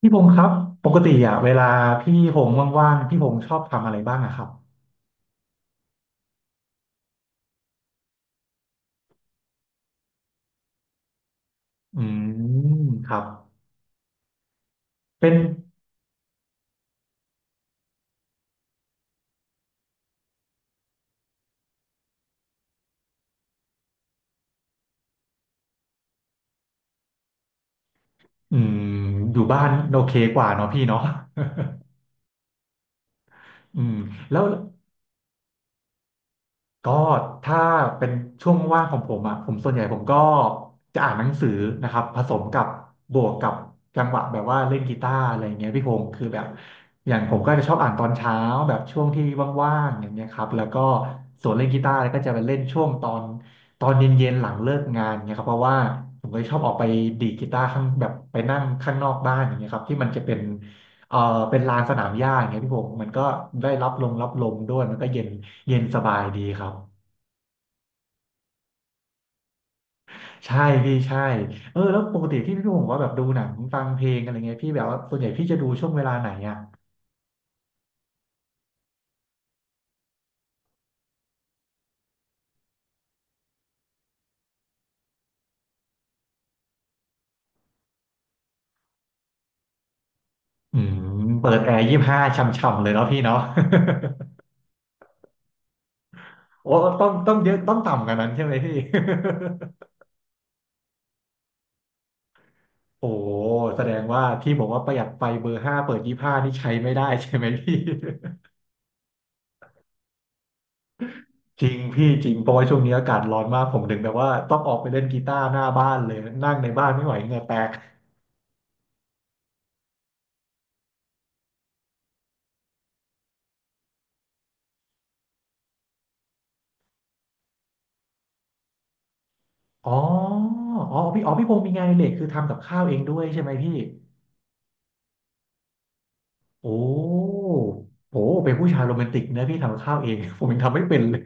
พี่พงษ์ครับปกติอ่ะเวลาพี่พงษ์ว่างๆพี่พงษ์ชอบทำอะไรบ้างอะครับอืมครับเป็นอืมอยู่บ้านโอเคกว่าเนาะพี่เนาะ อืมแล้ว ก็ถ้าเป็นช่วงว่างของผมอ่ะผมส่วนใหญ่ผมก็จะอ่านหนังสือนะครับผสมกับบวกกับจังหวะแบบว่าเล่นกีตาร์อะไรเงี้ยพี่พงศ์คือแบบอย่างผมก็จะชอบอ่านตอนเช้าแบบช่วงที่ว่างๆอย่างเงี้ยครับแล้วก็ส่วนเล่นกีตาร์ก็จะไปเล่นช่วงตอนเย็นๆหลังเลิกงานเงี้ยครับเพราะว่าผมก็ชอบออกไปดีดกีตาร์ข้างแบบไปนั่งข้างนอกบ้านอย่างเงี้ยครับที่มันจะเป็นเอ่อเป็นลานสนามหญ้าอย่างเงี้ยพี่พงศ์มันก็ได้รับลมรับลมด้วยมันก็เย็นเย็นสบายดีครับ ใช่พี่ใช่เออแล้วปกติที่พี่พงศ์บอกว่าแบบดูหนังฟังเพลงอะไรเงี้ยพี่แบบว่าส่วนใหญ่พี่จะดูช่วงเวลาไหนอ่ะอืมเปิดแอร์ยี่สิบห้าช่ำๆเลยเนาะพี่เนาะ โอ้ต้องเยอะต้องต่ำกว่านั้นใช่ไหมพี่ โอ้แสดงว่าที่บอกว่าประหยัดไฟเบอร์ห้าเปิดยี่สิบห้านี่ใช้ไม่ได้ใช่ไหมพี่ จริงพี่จริงเพราะว่าช่วงนี้อากาศร้อนมากผมถึงแบบว่าต้องออกไปเล่นกีตาร์หน้าบ้านเลยนั่งในบ้านไม่ไหวเหงื่อแตกอ๋ออ๋อพี่อ๋อพี่พงศ์มีงานอดิเรกคือทำกับข้าวเองด้วยใช่ไหมพี่ โอ้โหเป็นผู้ชายโรแมนติกนะพี่ทำข้าวเอง ผมยังทำไม่เป็นเลย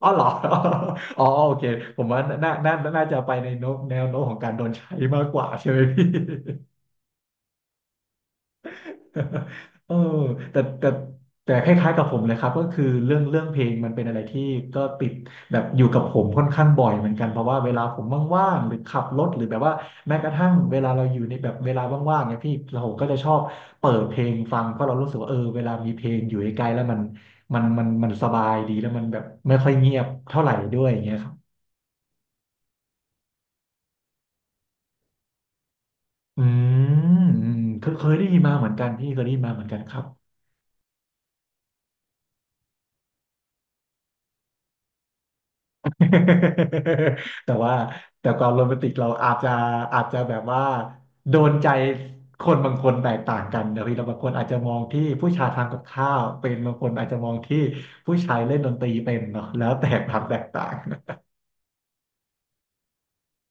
อ๋อเหรอ อ๋อโอเคผมว่าน่าจะไปในโน้มแนวโน้มของการโดนใช้มากกว่าใช่ไหมพี่ เออแต่แต่แต่คล้ายๆกับผมเลยครับก็คือเรื่องเพลงมันเป็นอะไรที่ก็ติดแบบอยู่กับผมค่อนข้างบ่อยเหมือนกันเพราะว่าเวลาผมว่างๆหรือขับรถหรือแบบว่าแม้กระทั่งเวลาเราอยู่ในแบบเวลาว่างๆเนี่ยพี่เราก็จะชอบเปิดเพลงฟังเพราะเรารู้สึกว่าเออเวลามีเพลงอยู่ใกล้ๆแล้วมันสบายดีแล้วมันแบบไม่ค่อยเงียบเท่าไหร่ด้วยอย่างเงี้ยครับอืมอืมเคยได้ยินมาเหมือนกันพี่เคยได้ยินมาเหมือนกันครับ แต่ว่าแต่ความโรแมนติกเราอาจจะอาจจะแบบว่าโดนใจคนบางคนแตกต่างกันนะพี่แล้บางคนอาจจะมองที่ผู้ชายทำกับข้าวเป็นบางคนอาจจะมองที่ผู้ชายเล่นดนตรีเป็นเนาะแล้วแต่ความแตกต่าง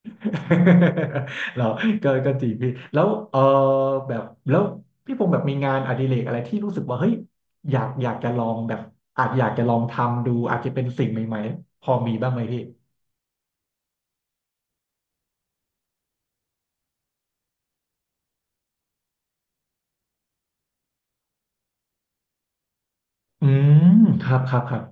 เราก็ก็จริงพี่แล้วเออแบบแล้วพี่พงษ์แบบมีงานอดิเรกอะไรที่รู้สึกว่าเฮ้ยอยากอยากจะลองแบบอาจอยากจะลองทำดูอาจจะเป็นสิ่งใหม่ๆพอมีบ้างไหมพี่อืมครับครับครับ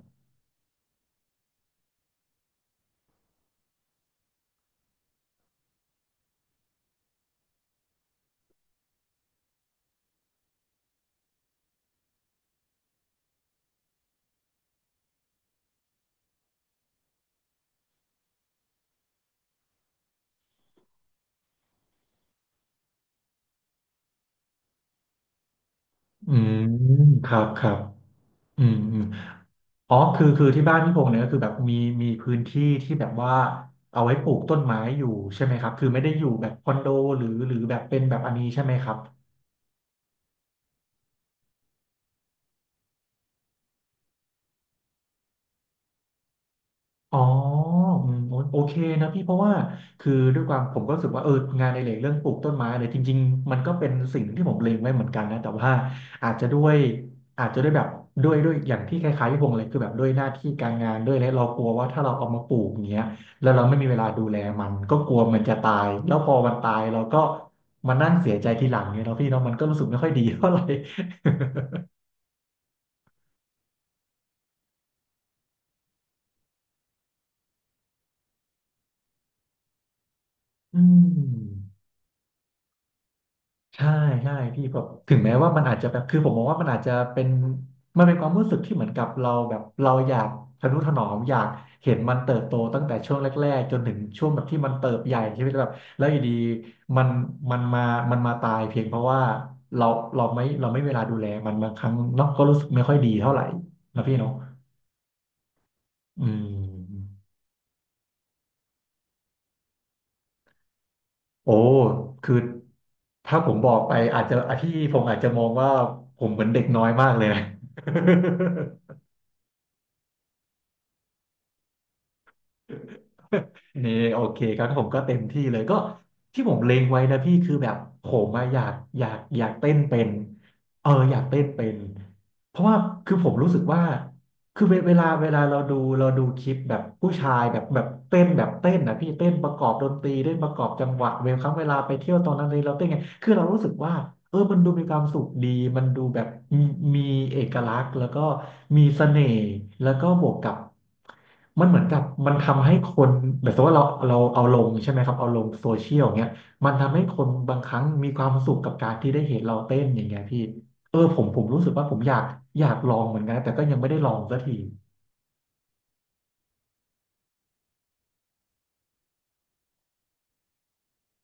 อืมครับครับอืมอืมอ๋อคือที่บ้านพี่พงษ์เนี่ยก็คือแบบมีพื้นที่ที่แบบว่าเอาไว้ปลูกต้นไม้อยู่ใช่ไหมครับ คือไม่ได้อยู่แบบคอนโดหรือแบบเป็นแบบอันนี้ใช่ไหมครับ อ๋ออืมโอโอเคนะพี่เพราะว่าคือด้วยความผมก็รู้สึกว่าเอองานในเหล็กเรื่องปลูกต้นไม้เนี่ยจริงๆมันก็เป็นสิ่งที่ผมเล็งไว้เหมือนกันนะแต่ว่าอาจจะด้วยอาจจะด้วยแบบด้วยอย่างที่คล้ายๆพี่พงษ์เลยคือแบบด้วยหน้าที่การงานด้วยและเรากลัวว่าถ้าเราเอามาปลูกอย่างเงี้ยแล้วเราไม่มีเวลาดูแลมันก็กลัวมันจะตายแล้วพอมันตายเราก็มานั่งเสียใจทีหลังเนี่ยเนาะพี่เนาะมันก็รู้สึกไม่ค่อยดีเท่าไหร่อืม ใช่ใช่พี่แบบถึงแม้ว่ามันอาจจะแบบคือผมมองว่ามันอาจจะเป็นมันเป็นความรู้สึกที่เหมือนกับเราแบบเราอยากทะนุถนอมอยากเห็นมันเติบโตตั้งแต่ช่วงแรกๆจนถึงช่วงแบบที่มันเติบใหญ่ใช่ไหมแบบแล้วอยู่ดีมันมันมามันมาตายเพียงเพราะว่าเราเราไม่เวลาดูแลมันบางครั้งเนาะก็รู้สึกไม่ค่อยดีเท่าไหร่นะพี่เนาะอืมโอ้คือถ้าผมบอกไปอาจจะอ่ะพี่ผมอาจจะมองว่าผมเหมือนเด็กน้อยมากเลยนะ นี่โอเคครับผมก็เต็มที่เลยก็ที่ผมเล็งไว้นะพี่คือแบบผมอะอยากเต้นเป็นอยากเต้นเป็นเพราะว่าคือผมรู้สึกว่า คือเวลาเวลาเราดูคลิปแบบผู้ชายแบบเต้นนะพี่เต้นประกอบดนตรีเต้นประกอบจังหวะเวลาไปเที่ยวตอนนั้นเลยเราเต้นไงคือเรารู้สึกว่าเออมันดูมีความสุขดีมันดูแบบมีมีเอกลักษณ์แล้วก็มีเสน่ห์แล้วก็บวกกับมันเหมือนกับมันทำให้คนแบบสมมติว่าเราเอาลงใช่ไหมครับเอาลงโซเชียลเงี้ยมันทำให้คนบางครั้งมีความสุขกับการที่ได้เห็นเราเต้นอย่างเงี้ยพี่ เออผมรู้สึกว่าผมอยากลองเหมือนกันแต่ก็ยังไม่ได้ลองสักที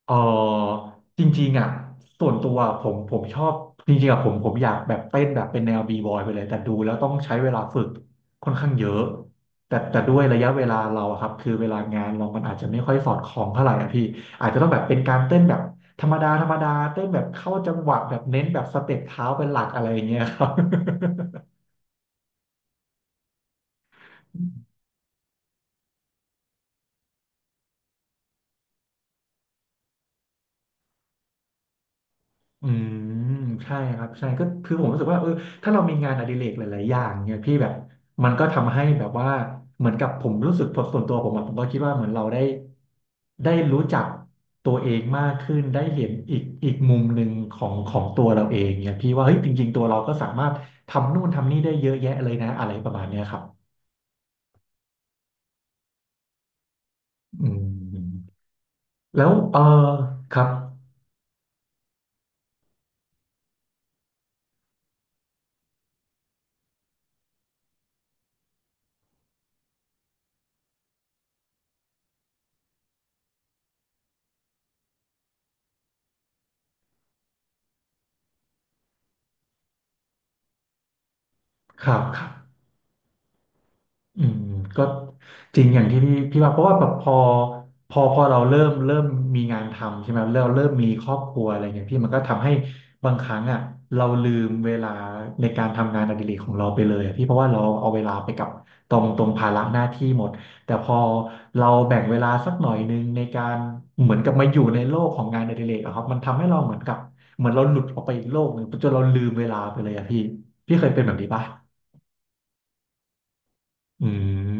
เออจริงๆอ่ะส่วนตัวผมชอบจริงๆอ่ะผมอยากแบบเต้นแบบเป็นแนวบีบอยไปเลยแต่ดูแล้วต้องใช้เวลาฝึกค่อนข้างเยอะแต่ด้วยระยะเวลาเราอะครับคือเวลางานเรามันอาจจะไม่ค่อยสอดคล้องเท่าไหร่อ่ะพี่อาจจะต้องแบบเป็นการเต้นแบบธรรมดาธรรมดาเต้นแบบเข้าจังหวะแบบเน้นแบบสเต็ปเท้าเป็นหลักอะไรอย่างเงี้ยครับ อืมใช่ครับใช่ก็คือผมรู้สึกว่าเออถ้าเรามีงานอดิเรกหลายๆอย่างเนี่ยพี่แบบมันก็ทำให้แบบว่าเหมือนกับผมรู้สึกผมส่วนตัวผมอะผมก็คิดว่าเหมือนเราได้ได้รู้จักตัวเองมากขึ้นได้เห็นอีกมุมหนึ่งของตัวเราเองเนี่ยพี่ว่าเฮ้ยจริงๆตัวเราก็สามารถทำนู่นทำนี่ได้เยอะแยะเลยนะอะไรประมาณเนี้ยครับอืมแล้วเออครับครับครับ อืมก็จริงอย่างที่พี่ว่าเพราะว่าแบบพอเราเริ่มมีงานทำใช่ไหมเริ่มมีครอบครัวอะไรเงี้ยพี่มันก็ทำให้บางครั้งอ่ะเราลืมเวลาในการทำงานอดิเรกของเราไปเลยอะพี่เพราะว่าเราเอาเวลาไปกับตรงภาระหน้าที่หมดแต่พอเราแบ่งเวลาสักหน่อยนึงในการเหมือนกับมาอยู่ในโลกของงานอดิเรกอะครับมันทำให้เราเหมือนกับเหมือนเราหลุดออกไปอีกโลกหนึ่งจนเราลืมเวลาไปเลยอะพี่พี่เคยเป็นแบบนี้ปะอื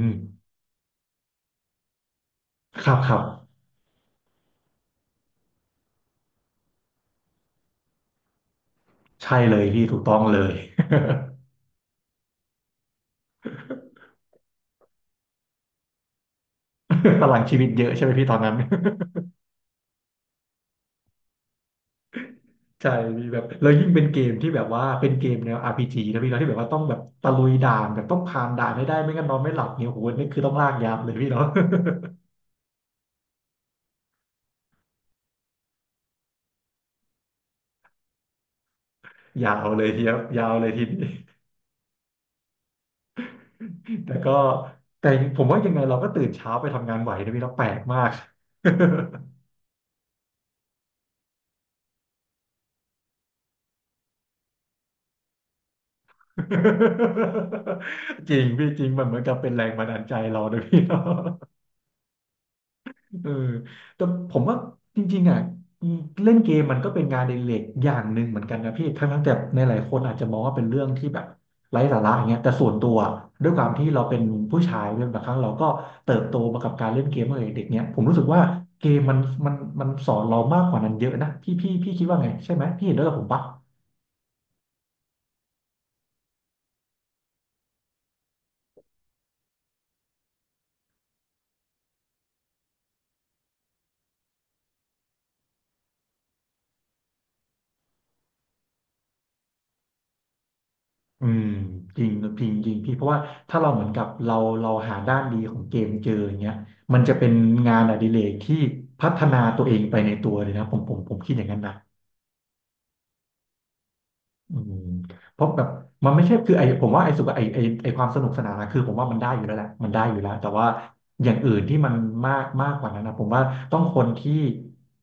มครับ ใช่เลยพี่ถูกต้องเลย พลังชีวิตเยอะใช่ไหมพี่ตอนนั้น ใช่มีแบบแล้วยิ่งเป็นเกมที่แบบว่าเป็นเกมแนว RPG นะพี่เนาะที่แบบว่าต้องแบบตะลุยด่านแบบต้องผ่านด่านให้ได้ไม่งั้นนอนไม่หลับเนี่ยโอ้โหนี่คือต้องลากยาวเลยพี่เนาะ ยาวเลยทีเดียวยาวเลยทีนี้ แต่ก็แต่ผมว่ายังไงเราก็ตื่นเช้าไปทำงานไหวนะพี่เราะแปลกมาก จริงพี่จริงมันเหมือนกับเป็นแรงบันดาลใจเรานะพี่เนาะ เออแต่ผมว่าจริงๆอ่ะเล่นเกมมันก็เป็นงานอดิเรกอย่างหนึ่งเหมือนกันนะพี่ทั้งๆแต่ในหลายคนอาจจะมองว่าเป็นเรื่องที่แบบไร้สาระอย่างเงี้ยแต่ส่วนตัวด้วยความที่เราเป็นผู้ชายเนี่ยบางครั้งเราก็เติบโตมากับการเล่นเกมตั้งแต่เด็กเนี่ยผมรู้สึกว่าเกมมันมันสอนเรามากกว่านั้นเยอะนะพี่พี่คิดว่าไงใช่ไหมพี่เห็นด้วยกับผมปะ อืมจริงจริงจริงพี่เพราะว่าถ้าเราเหมือนกับเราหาด้านดีของเกมเจออย่างเงี้ยมันจะเป็นงานอดิเรกที่พัฒนาตัวเองไปในตัวเลยนะผมคิดอย่างนั้นนะ อืมเพราะแบบมันไม่ใช่คือไอผมว่าไอสุขไอความสนุกสนานนะคือผมว่ามันได้อยู่แล้วแหละมันได้อยู่แล้วแต่ว่าอย่างอื่นที่มันมากมากกว่านั้นนะผมว่าต้องคนที่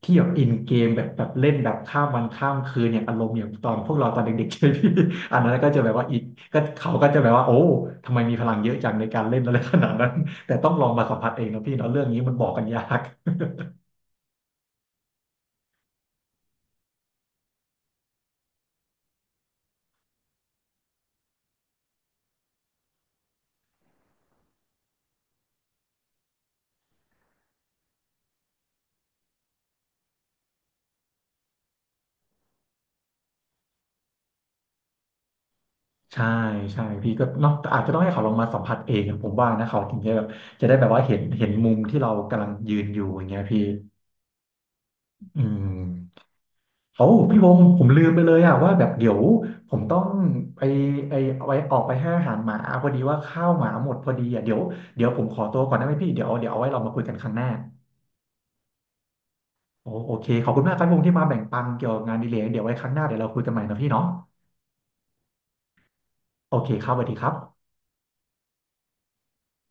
ที่แบบอินเกมแบบเล่นแบบข้ามวันข้ามคืนอย่างอารมณ์อย่างตอนพวกเราตอนเด็กๆ ใช่ไหมพี่อันนั้นก็จะแบบว่าอีกก็เขาก็จะแบบว่าโอ้ทำไมมีพลังเยอะจังในการเล่นอะไรขนาดนั้นแต่ต้องลองมาสัมผัสเองนะพี่เนาะเรื่องนี้มันบอกกันยาก ใช่ใช่พี่ก็เนาะแต่อาจจะต้องให้เขาลองมาสัมผัสเองอะผมว่านะเขาถึงจะแบบจะได้แบบว่าเห็นมุมที่เรากำลังยืนอยู่อย่างเงี้ยพี่อืมโอ้พี่วงศ์ผมลืมไปเลยอะว่าแบบเดี๋ยวผมต้องไปไอไว้ออกไปให้อาหารหมาพอดีว่าข้าวหมาหมดพอดีอะเดี๋ยวผมขอตัวก่อนได้ไหมพี่เดี๋ยวเอาไว้เรามาคุยกันครั้งหน้าโอเคขอบคุณมากครับพี่วงศ์ที่มาแบ่งปันเกี่ยวกับงานอดีเลยเดี๋ยวไว้ครั้งหน้าเดี๋ยวเราคุยกันใหม่นะพี่เนาะโอเคครับสวัสดีครับ